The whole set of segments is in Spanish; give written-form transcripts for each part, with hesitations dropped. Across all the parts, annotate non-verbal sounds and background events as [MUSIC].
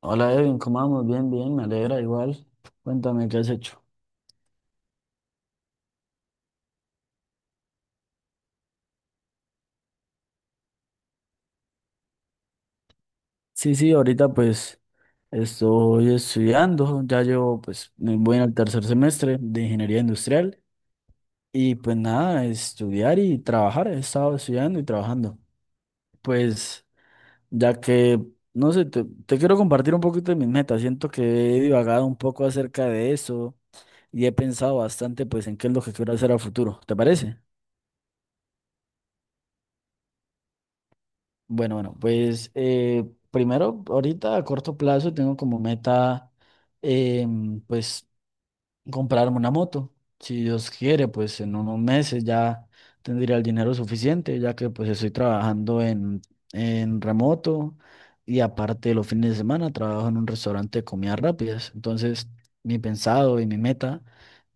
Hola Edwin, ¿cómo vamos? Bien, bien, me alegra igual. Cuéntame, ¿qué has hecho? Sí, sí, ahorita pues estoy estudiando, ya llevo pues me voy en el tercer semestre de ingeniería industrial y pues nada, estudiar y trabajar, he estado estudiando y trabajando. Pues ya que, no sé, te quiero compartir un poquito de mis metas, siento que he divagado un poco acerca de eso y he pensado bastante pues en qué es lo que quiero hacer a futuro, ¿te parece? Bueno, bueno, pues primero, ahorita a corto plazo tengo como meta, pues, comprarme una moto. Si Dios quiere, pues en unos meses ya tendría el dinero suficiente, ya que pues estoy trabajando en remoto y aparte los fines de semana trabajo en un restaurante de comidas rápidas. Entonces, mi pensado y mi meta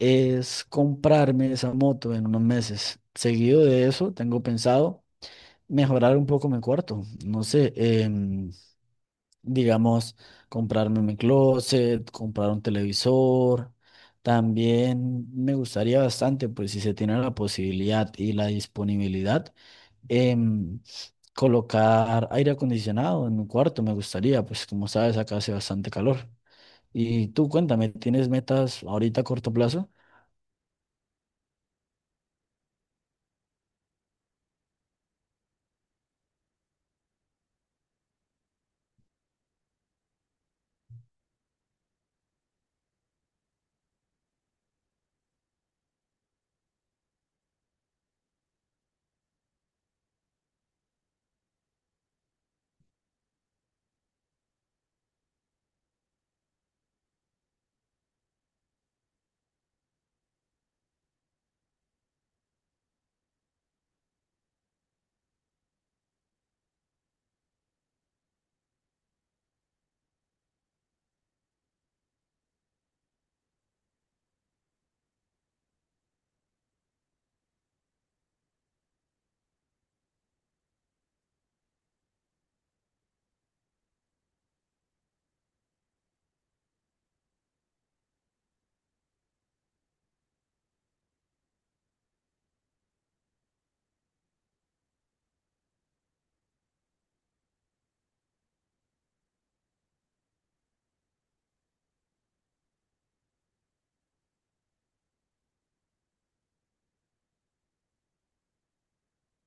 es comprarme esa moto en unos meses. Seguido de eso, tengo pensado mejorar un poco mi cuarto. No sé, em, digamos, comprarme mi closet, comprar un televisor. También me gustaría bastante, pues si se tiene la posibilidad y la disponibilidad, em, colocar aire acondicionado en mi cuarto. Me gustaría, pues como sabes, acá hace bastante calor. Y tú cuéntame, ¿tienes metas ahorita a corto plazo?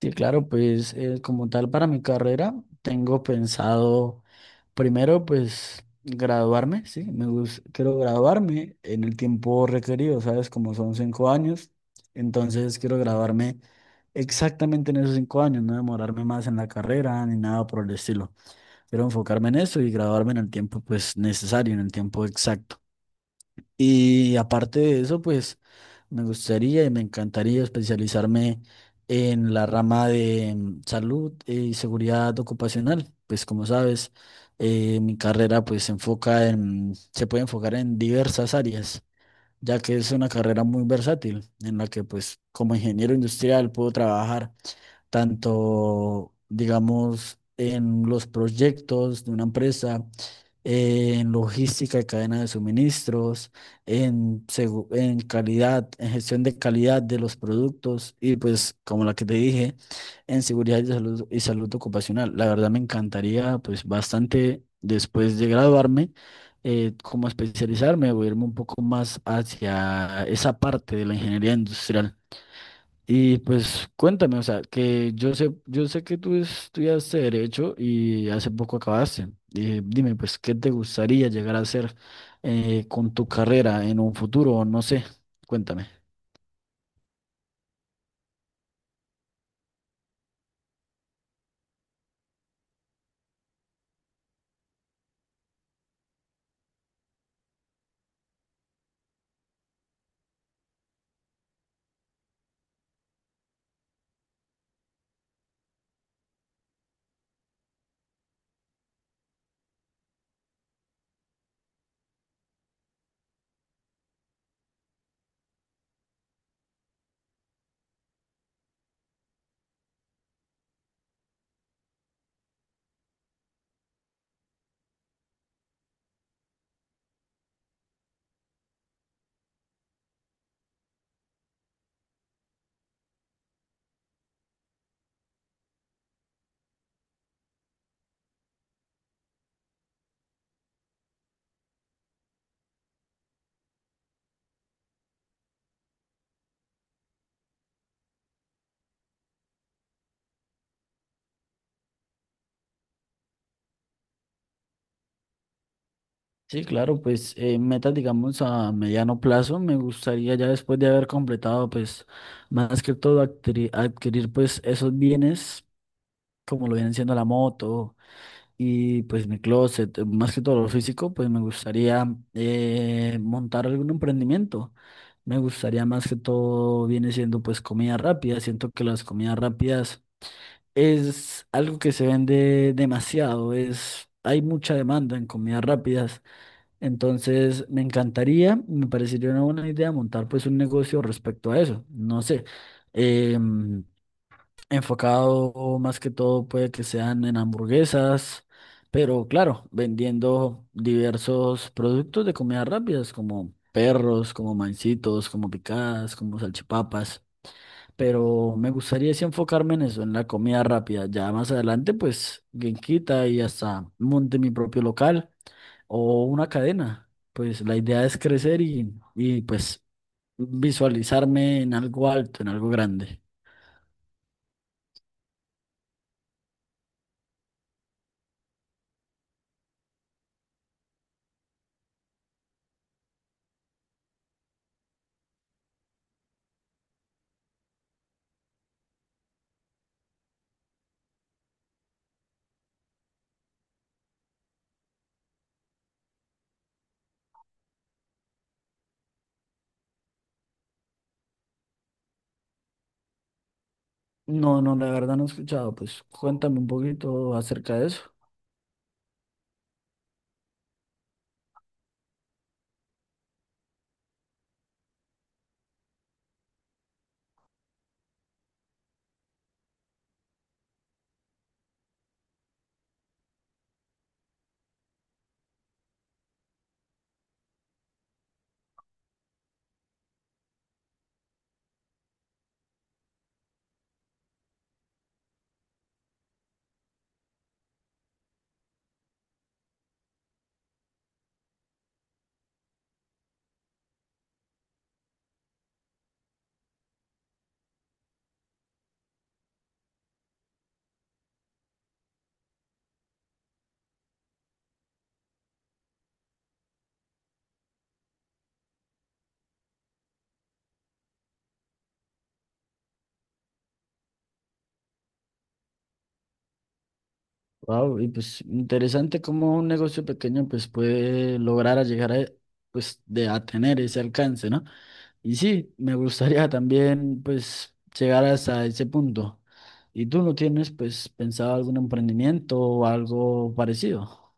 Sí, claro, pues como tal para mi carrera, tengo pensado primero, pues graduarme, sí, me gusta, quiero graduarme en el tiempo requerido, ¿sabes? Como son 5 años, entonces quiero graduarme exactamente en esos 5 años, no demorarme más en la carrera ni nada por el estilo. Quiero enfocarme en eso y graduarme en el tiempo, pues necesario, en el tiempo exacto. Y aparte de eso, pues me gustaría y me encantaría especializarme en la rama de salud y seguridad ocupacional. Pues como sabes, mi carrera pues se enfoca en, se puede enfocar en diversas áreas, ya que es una carrera muy versátil en la que pues como ingeniero industrial puedo trabajar tanto, digamos, en los proyectos de una empresa, en logística y cadena de suministros, en calidad, en gestión de calidad de los productos y pues, como la que te dije, en seguridad y salud ocupacional. La verdad me encantaría pues bastante después de graduarme. Como especializarme o irme un poco más hacia esa parte de la ingeniería industrial. Y pues cuéntame, o sea, que yo sé que tú estudiaste derecho y hace poco acabaste. Dime, pues, ¿qué te gustaría llegar a hacer con tu carrera en un futuro? No sé, cuéntame. Sí, claro, pues metas, digamos, a mediano plazo, me gustaría ya después de haber completado, pues, más que todo adquirir pues esos bienes, como lo vienen siendo la moto. Y pues mi closet, más que todo lo físico, pues me gustaría montar algún emprendimiento. Me gustaría, más que todo viene siendo pues comida rápida. Siento que las comidas rápidas es algo que se vende demasiado. Es, hay mucha demanda en comidas rápidas. Entonces me encantaría, me parecería una buena idea montar pues un negocio respecto a eso. No sé. em, Enfocado más que todo puede que sean en hamburguesas, pero claro, vendiendo diversos productos de comidas rápidas como perros, como mancitos, como picadas, como salchipapas. Pero me gustaría sí enfocarme en eso, en la comida rápida. Ya más adelante, pues, quien quita y hasta monte mi propio local o una cadena. Pues la idea es crecer y pues visualizarme en algo alto, en algo grande. No, no, la verdad no he escuchado. Pues cuéntame un poquito acerca de eso. Wow, y pues interesante cómo un negocio pequeño pues puede lograr a llegar a, pues de a tener ese alcance, ¿no? Y sí, me gustaría [LAUGHS] también pues llegar hasta ese punto. ¿Y tú no tienes pues pensado algún emprendimiento o algo parecido?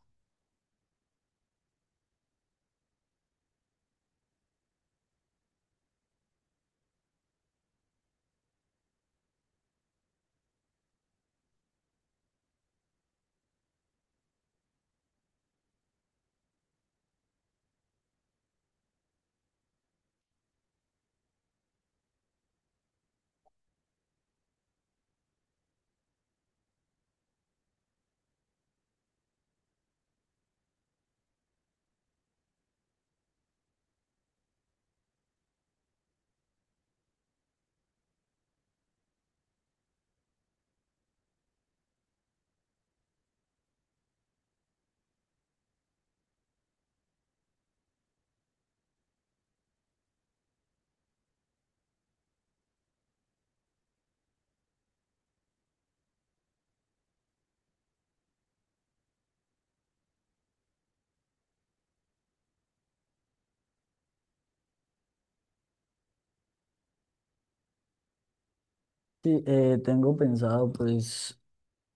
Sí, tengo pensado pues,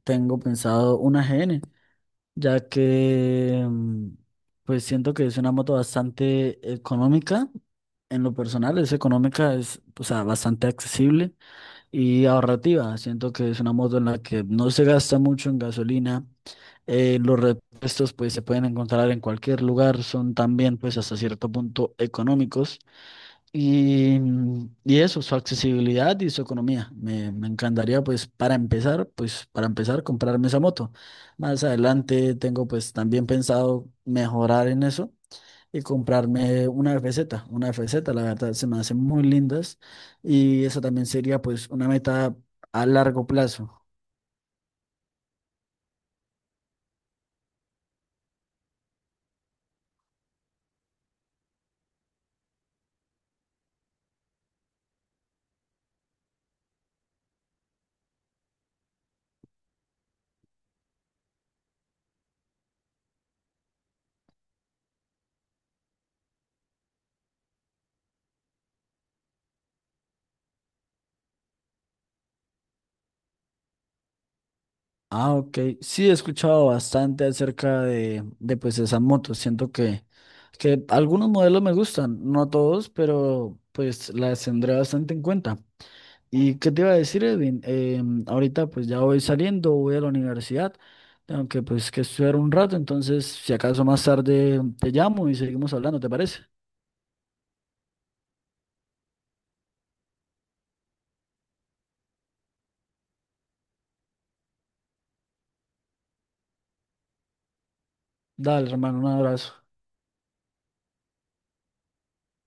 tengo pensado una AGN. Ya que pues siento que es una moto bastante económica. En lo personal es económica, es, o sea, bastante accesible y ahorrativa. Siento que es una moto en la que no se gasta mucho en gasolina. Los repuestos pues se pueden encontrar en cualquier lugar, son también pues hasta cierto punto económicos. Y eso, su accesibilidad y su economía. Me encantaría, pues, para empezar, comprarme esa moto. Más adelante tengo, pues, también pensado mejorar en eso y comprarme una FZ. Una FZ, la verdad, se me hacen muy lindas y esa también sería, pues, una meta a largo plazo. Ah, ok. Sí, he escuchado bastante acerca de pues esas motos. Siento que algunos modelos me gustan, no todos, pero pues las tendré bastante en cuenta. ¿Y qué te iba a decir, Edwin? Ahorita pues ya voy saliendo, voy a la universidad, tengo que estudiar un rato, entonces si acaso más tarde te llamo y seguimos hablando, ¿te parece? Dale, hermano, un abrazo.